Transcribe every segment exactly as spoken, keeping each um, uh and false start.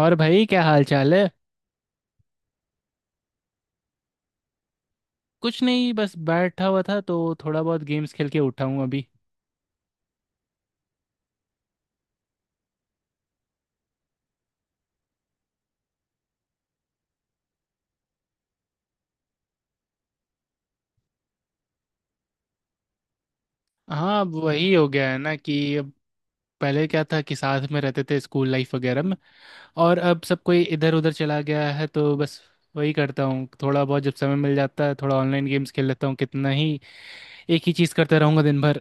और भाई क्या हाल चाल है? कुछ नहीं, बस बैठा हुआ था तो थोड़ा बहुत गेम्स खेल के उठा हूँ अभी। हाँ, अब वही हो गया है ना कि अब पहले क्या था कि साथ में रहते थे, स्कूल लाइफ वगैरह में, और अब सब कोई इधर उधर चला गया है तो बस वही करता हूँ। थोड़ा बहुत जब समय मिल जाता है थोड़ा ऑनलाइन गेम्स खेल लेता हूँ, कितना ही एक ही चीज़ करता रहूँगा दिन भर।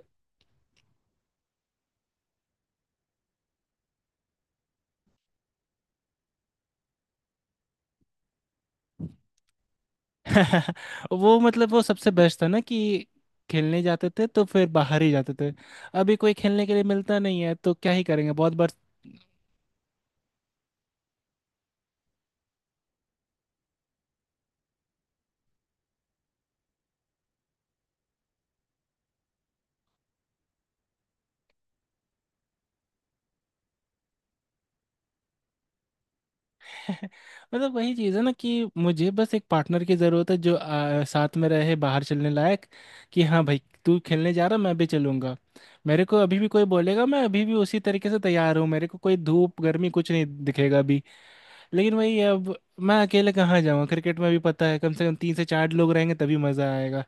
वो मतलब वो सबसे बेस्ट था ना कि खेलने जाते थे तो फिर बाहर ही जाते थे। अभी कोई खेलने के लिए मिलता नहीं है तो क्या ही करेंगे बहुत बार। मतलब वही चीज़ है ना कि मुझे बस एक पार्टनर की ज़रूरत है जो आ, साथ में रहे, बाहर चलने लायक। कि हाँ भाई, तू खेलने जा रहा, मैं भी चलूंगा। मेरे को अभी भी कोई बोलेगा, मैं अभी भी उसी तरीके से तैयार हूँ, मेरे को कोई धूप गर्मी कुछ नहीं दिखेगा अभी। लेकिन वही है, अब मैं अकेले कहाँ जाऊँगा? क्रिकेट में भी पता है कम से कम तीन से चार लोग रहेंगे तभी मज़ा आएगा।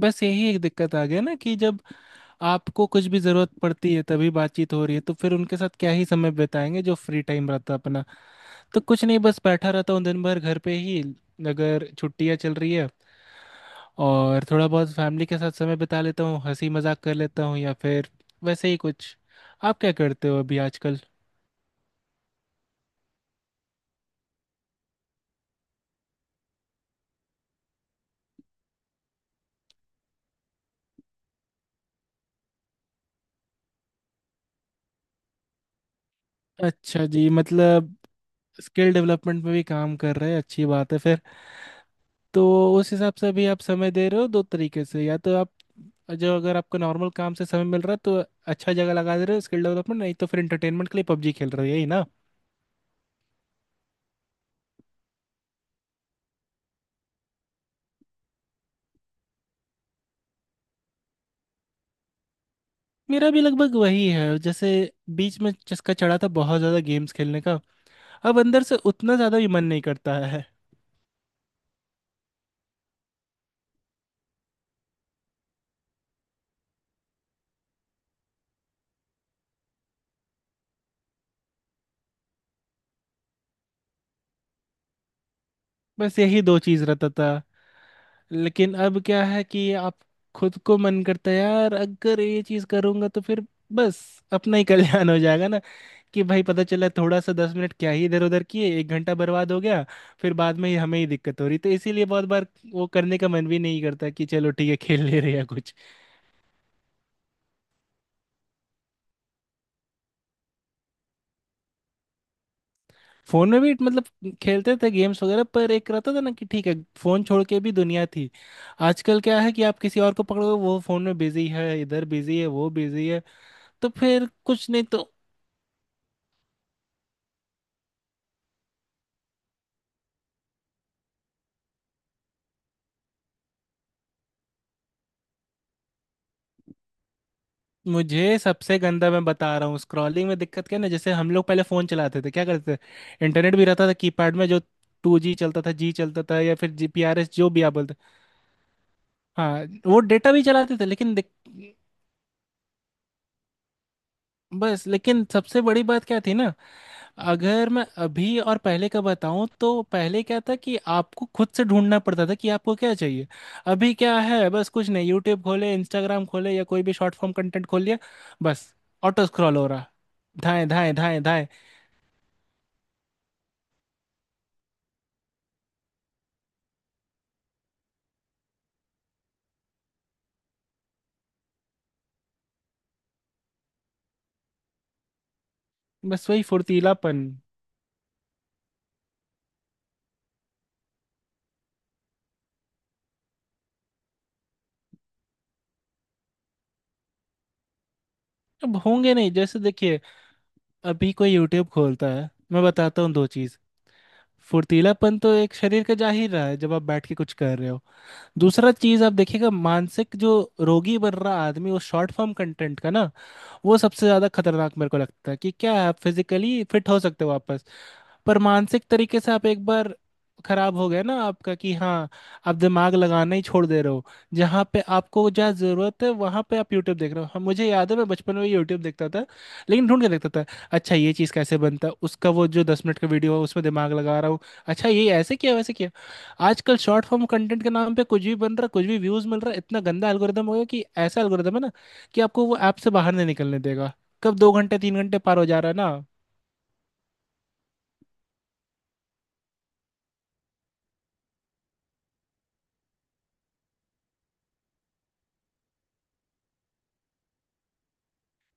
बस यही एक दिक्कत आ गया ना कि जब आपको कुछ भी जरूरत पड़ती है तभी बातचीत हो रही है, तो फिर उनके साथ क्या ही समय बिताएंगे जो फ्री टाइम रहता है अपना। तो कुछ नहीं, बस बैठा रहता हूँ दिन भर घर पे ही, अगर छुट्टियाँ चल रही है। और थोड़ा बहुत फैमिली के साथ समय बिता लेता हूँ, हंसी मजाक कर लेता हूँ या फिर वैसे ही कुछ। आप क्या करते हो अभी आजकल? अच्छा जी, मतलब स्किल डेवलपमेंट में भी काम कर रहे हैं, अच्छी बात है फिर। तो उस हिसाब से अभी आप समय दे रहे हो दो तरीके से, या तो आप जो अगर आपको नॉर्मल काम से समय मिल रहा है तो अच्छा जगह लगा दे रहे हो स्किल डेवलपमेंट, नहीं तो फिर एंटरटेनमेंट के लिए पबजी खेल रहे हो, यही ना? मेरा भी लगभग वही है। जैसे बीच में चस्का चढ़ा था बहुत ज़्यादा गेम्स खेलने का, अब अंदर से उतना ज़्यादा भी मन नहीं करता है। बस यही दो चीज़ रहता था। लेकिन अब क्या है कि आप खुद को मन करता है यार अगर ये चीज़ करूँगा तो फिर बस अपना ही कल्याण हो जाएगा ना, कि भाई पता चला थोड़ा सा दस मिनट क्या ही इधर उधर किए, एक घंटा बर्बाद हो गया। फिर बाद में ही हमें ही दिक्कत हो रही, तो इसीलिए बहुत बार वो करने का मन भी नहीं करता कि चलो ठीक है खेल ले रहे या कुछ। फोन में भी मतलब खेलते थे गेम्स वगैरह, पर एक रहता था ना कि ठीक है फोन छोड़ के भी दुनिया थी। आजकल क्या है कि आप किसी और को पकड़ो वो फोन में बिजी है, इधर बिजी है, वो बिजी है, तो फिर कुछ नहीं तो। मुझे सबसे गंदा, मैं बता रहा हूँ, स्क्रॉलिंग में दिक्कत क्या है ना, जैसे हम लोग पहले फ़ोन चलाते थे क्या करते थे, इंटरनेट भी रहता था कीपैड में, जो टू जी चलता था, जी चलता था, या फिर जी पी आर एस, जो भी आप बोलते। हाँ, वो डेटा भी चलाते थे लेकिन दिक- बस। लेकिन सबसे बड़ी बात क्या थी ना, अगर मैं अभी और पहले का बताऊं, तो पहले क्या था कि आपको खुद से ढूंढना पड़ता था कि आपको क्या चाहिए। अभी क्या है, बस कुछ नहीं, यूट्यूब खोले, इंस्टाग्राम खोले, या कोई भी शॉर्ट फॉर्म कंटेंट खोल लिया, बस, ऑटो स्क्रॉल हो रहा, धाएं धाएं धाएं धाएं। बस वही फुर्तीलापन। अब होंगे नहीं, जैसे देखिए अभी कोई यूट्यूब खोलता है, मैं बताता हूँ दो चीज़। फुर्तीलापन तो एक शरीर का जाहिर रहा है जब आप बैठ के कुछ कर रहे हो। दूसरा चीज़ आप देखिएगा, मानसिक जो रोगी बन रहा आदमी वो शॉर्ट फॉर्म कंटेंट का ना, वो सबसे ज्यादा खतरनाक मेरे को लगता है, कि क्या है, आप फिजिकली फिट हो सकते हो वापस, पर मानसिक तरीके से आप एक बार खराब हो गया ना आपका, कि हाँ आप दिमाग लगाना ही छोड़ दे रहे हो। जहाँ पे आपको, जहाँ जरूरत है वहाँ पे आप यूट्यूब देख रहे हो। हम मुझे याद है मैं बचपन में यूट्यूब देखता था, लेकिन ढूंढ के देखता था। अच्छा ये चीज़ कैसे बनता है, उसका वो जो दस मिनट का वीडियो है उसमें दिमाग लगा रहा हूँ, अच्छा ये ऐसे किया वैसे किया। आजकल शॉर्ट फॉर्म कंटेंट के नाम पे कुछ भी बन रहा, कुछ भी व्यूज मिल रहा, इतना गंदा एल्गोरिदम हो गया कि ऐसा एल्गोरिदम है ना कि आपको वो ऐप से बाहर नहीं निकलने देगा, कब दो घंटे तीन घंटे पार हो जा रहा है ना।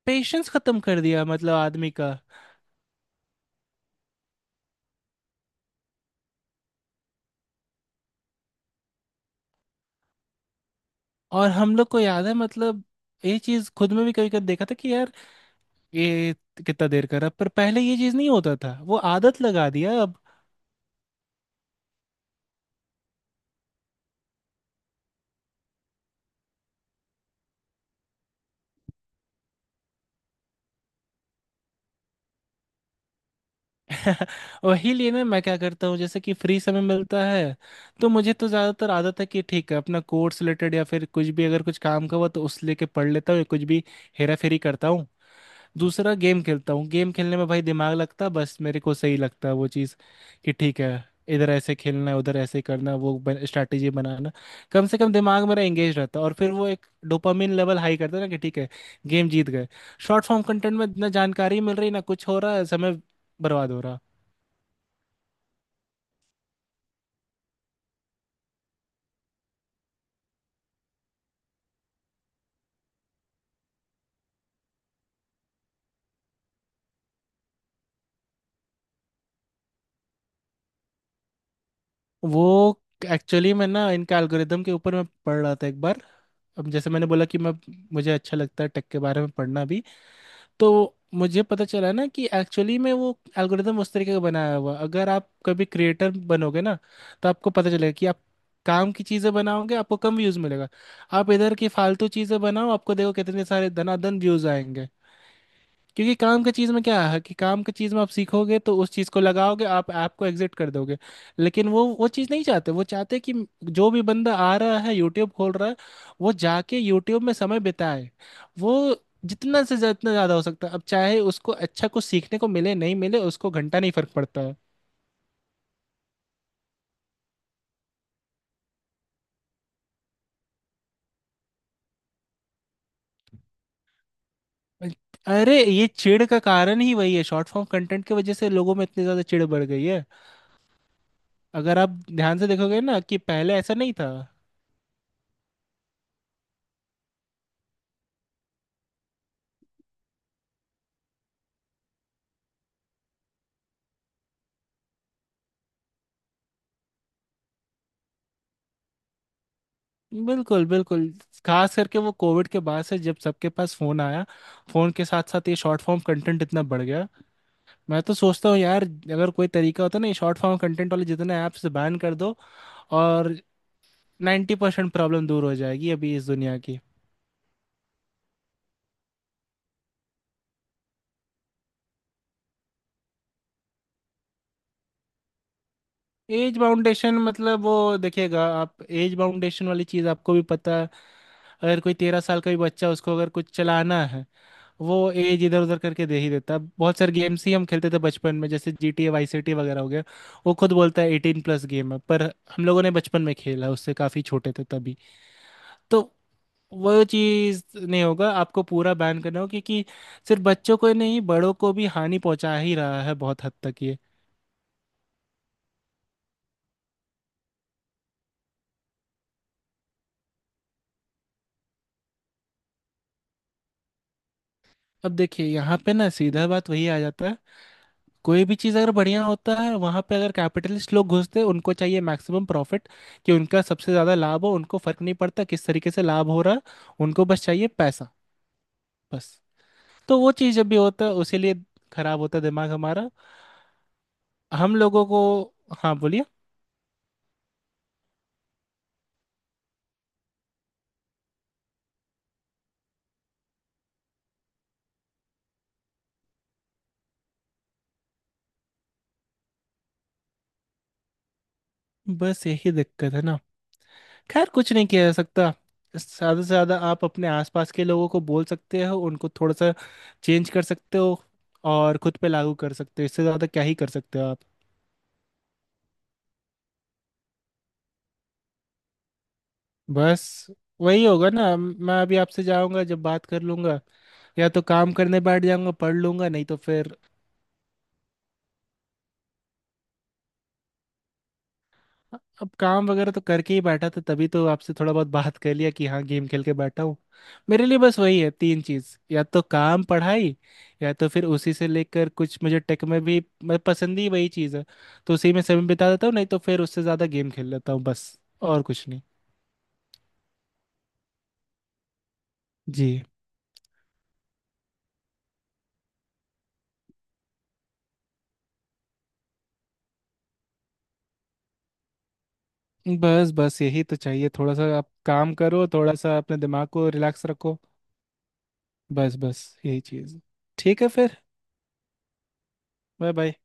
पेशेंस खत्म कर दिया मतलब आदमी का। और हम लोग को याद है, मतलब ये चीज खुद में भी कभी कभी देखा था कि यार ये कितना देर कर रहा है। पर पहले ये चीज नहीं होता था, वो आदत लगा दिया अब। वही लिए ना मैं क्या करता हूँ, जैसे कि फ्री समय मिलता है तो मुझे तो ज्यादातर आदत है कि ठीक है अपना कोर्स रिलेटेड या फिर कुछ भी अगर कुछ काम का हुआ तो उस लेके पढ़ लेता हूँ, या कुछ भी हेरा फेरी करता हूँ। दूसरा गेम खेलता हूँ, गेम खेलने में भाई दिमाग लगता, बस मेरे को सही लगता है वो चीज़, कि ठीक है इधर ऐसे खेलना है उधर ऐसे करना है, वो स्ट्रैटेजी बनाना। कम से कम दिमाग मेरा एंगेज रहता है। और फिर वो एक डोपामिन लेवल हाई करता है ना कि ठीक है गेम जीत गए। शॉर्ट फॉर्म कंटेंट में ना जानकारी मिल रही, ना कुछ हो रहा है, समय बर्बाद हो रहा। वो एक्चुअली मैं ना इनका एल्गोरिदम के ऊपर मैं पढ़ रहा था एक बार, अब जैसे मैंने बोला कि मैं मुझे अच्छा लगता है टेक के बारे में पढ़ना भी। तो मुझे पता चला ना कि एक्चुअली में वो एल्गोरिदम उस तरीके का बनाया हुआ, अगर आप कभी क्रिएटर बनोगे ना तो आपको पता चलेगा कि आप काम की चीज़ें बनाओगे आपको कम व्यूज़ मिलेगा। आप इधर की फालतू चीज़ें बनाओ, आपको देखो कितने सारे धनाधन व्यूज़ आएंगे। क्योंकि काम का चीज में क्या है कि काम का चीज में आप सीखोगे तो उस चीज को लगाओगे, आप ऐप को एग्जिट कर दोगे। लेकिन वो वो चीज नहीं चाहते, वो चाहते कि जो भी बंदा आ रहा है यूट्यूब खोल रहा है वो जाके यूट्यूब में समय बिताए, वो जितना से जितना ज्यादा हो सकता है, अब चाहे उसको अच्छा कुछ सीखने को मिले नहीं मिले, उसको घंटा नहीं फर्क पड़ता है। अरे ये चिढ़ का कारण ही वही है, शॉर्ट फॉर्म कंटेंट की वजह से लोगों में इतनी ज्यादा चिढ़ बढ़ गई है। अगर आप ध्यान से देखोगे ना कि पहले ऐसा नहीं था। बिल्कुल बिल्कुल। खास करके वो कोविड के बाद से जब सबके पास फोन आया, फोन के साथ साथ ये शॉर्ट फॉर्म कंटेंट इतना बढ़ गया। मैं तो सोचता हूँ यार, अगर कोई तरीका होता ना ये शॉर्ट फॉर्म कंटेंट वाले जितने ऐप्स बैन कर दो, और नाइन्टी परसेंट प्रॉब्लम दूर हो जाएगी अभी इस दुनिया की। एज बाउंडेशन मतलब वो देखिएगा, आप एज बाउंडेशन वाली चीज़ आपको भी पता है, अगर कोई तेरह साल का भी बच्चा, उसको अगर कुछ चलाना है वो एज इधर उधर करके दे ही देता है। बहुत सारे गेम्स ही हम खेलते थे बचपन में, जैसे G T A Vice City वगैरह हो गया, वो खुद बोलता है एटीन प्लस गेम है, पर हम लोगों ने बचपन में खेला, उससे काफ़ी छोटे थे तभी। तो वो चीज़ नहीं होगा, आपको पूरा बैन करना होगा क्योंकि सिर्फ बच्चों को ही नहीं बड़ों को भी हानि पहुंचा ही रहा है बहुत हद तक ये। अब देखिए यहाँ पे ना सीधा बात वही आ जाता है, कोई भी चीज़ अगर बढ़िया होता है वहाँ पे अगर कैपिटलिस्ट लोग घुसते हैं, उनको चाहिए मैक्सिमम प्रॉफिट, कि उनका सबसे ज़्यादा लाभ हो, उनको फ़र्क नहीं पड़ता किस तरीके से लाभ हो रहा है। उनको बस चाहिए पैसा, बस। तो वो चीज़ जब भी होता है उसी लिए खराब होता है दिमाग हमारा, हम लोगों को। हाँ बोलिए। बस यही दिक्कत है ना, खैर कुछ नहीं किया जा सकता। ज़्यादा से ज़्यादा आप अपने आसपास के लोगों को बोल सकते हो, उनको थोड़ा सा चेंज कर सकते हो, और खुद पे लागू कर सकते हो, इससे ज़्यादा क्या ही कर सकते हो आप। बस, वही होगा ना, मैं अभी आपसे जाऊंगा जब बात कर लूंगा या तो काम करने बैठ जाऊंगा, पढ़ लूंगा नहीं तो फिर। अब काम वगैरह तो करके ही बैठा था, तभी तो आपसे थोड़ा बहुत बात कर लिया कि हाँ गेम खेल के बैठा हूँ। मेरे लिए बस वही है तीन चीज, या तो काम, पढ़ाई, या तो फिर उसी से लेकर कुछ मुझे टेक में भी मैं पसंद ही वही चीज़ है। तो उसी में समय बिता देता हूँ, नहीं तो फिर उससे ज़्यादा गेम खेल लेता हूँ, बस और कुछ नहीं। जी। बस बस यही तो चाहिए थोड़ा सा, आप काम करो, थोड़ा सा अपने दिमाग को रिलैक्स रखो। बस बस यही चीज़। ठीक है फिर। Bye bye.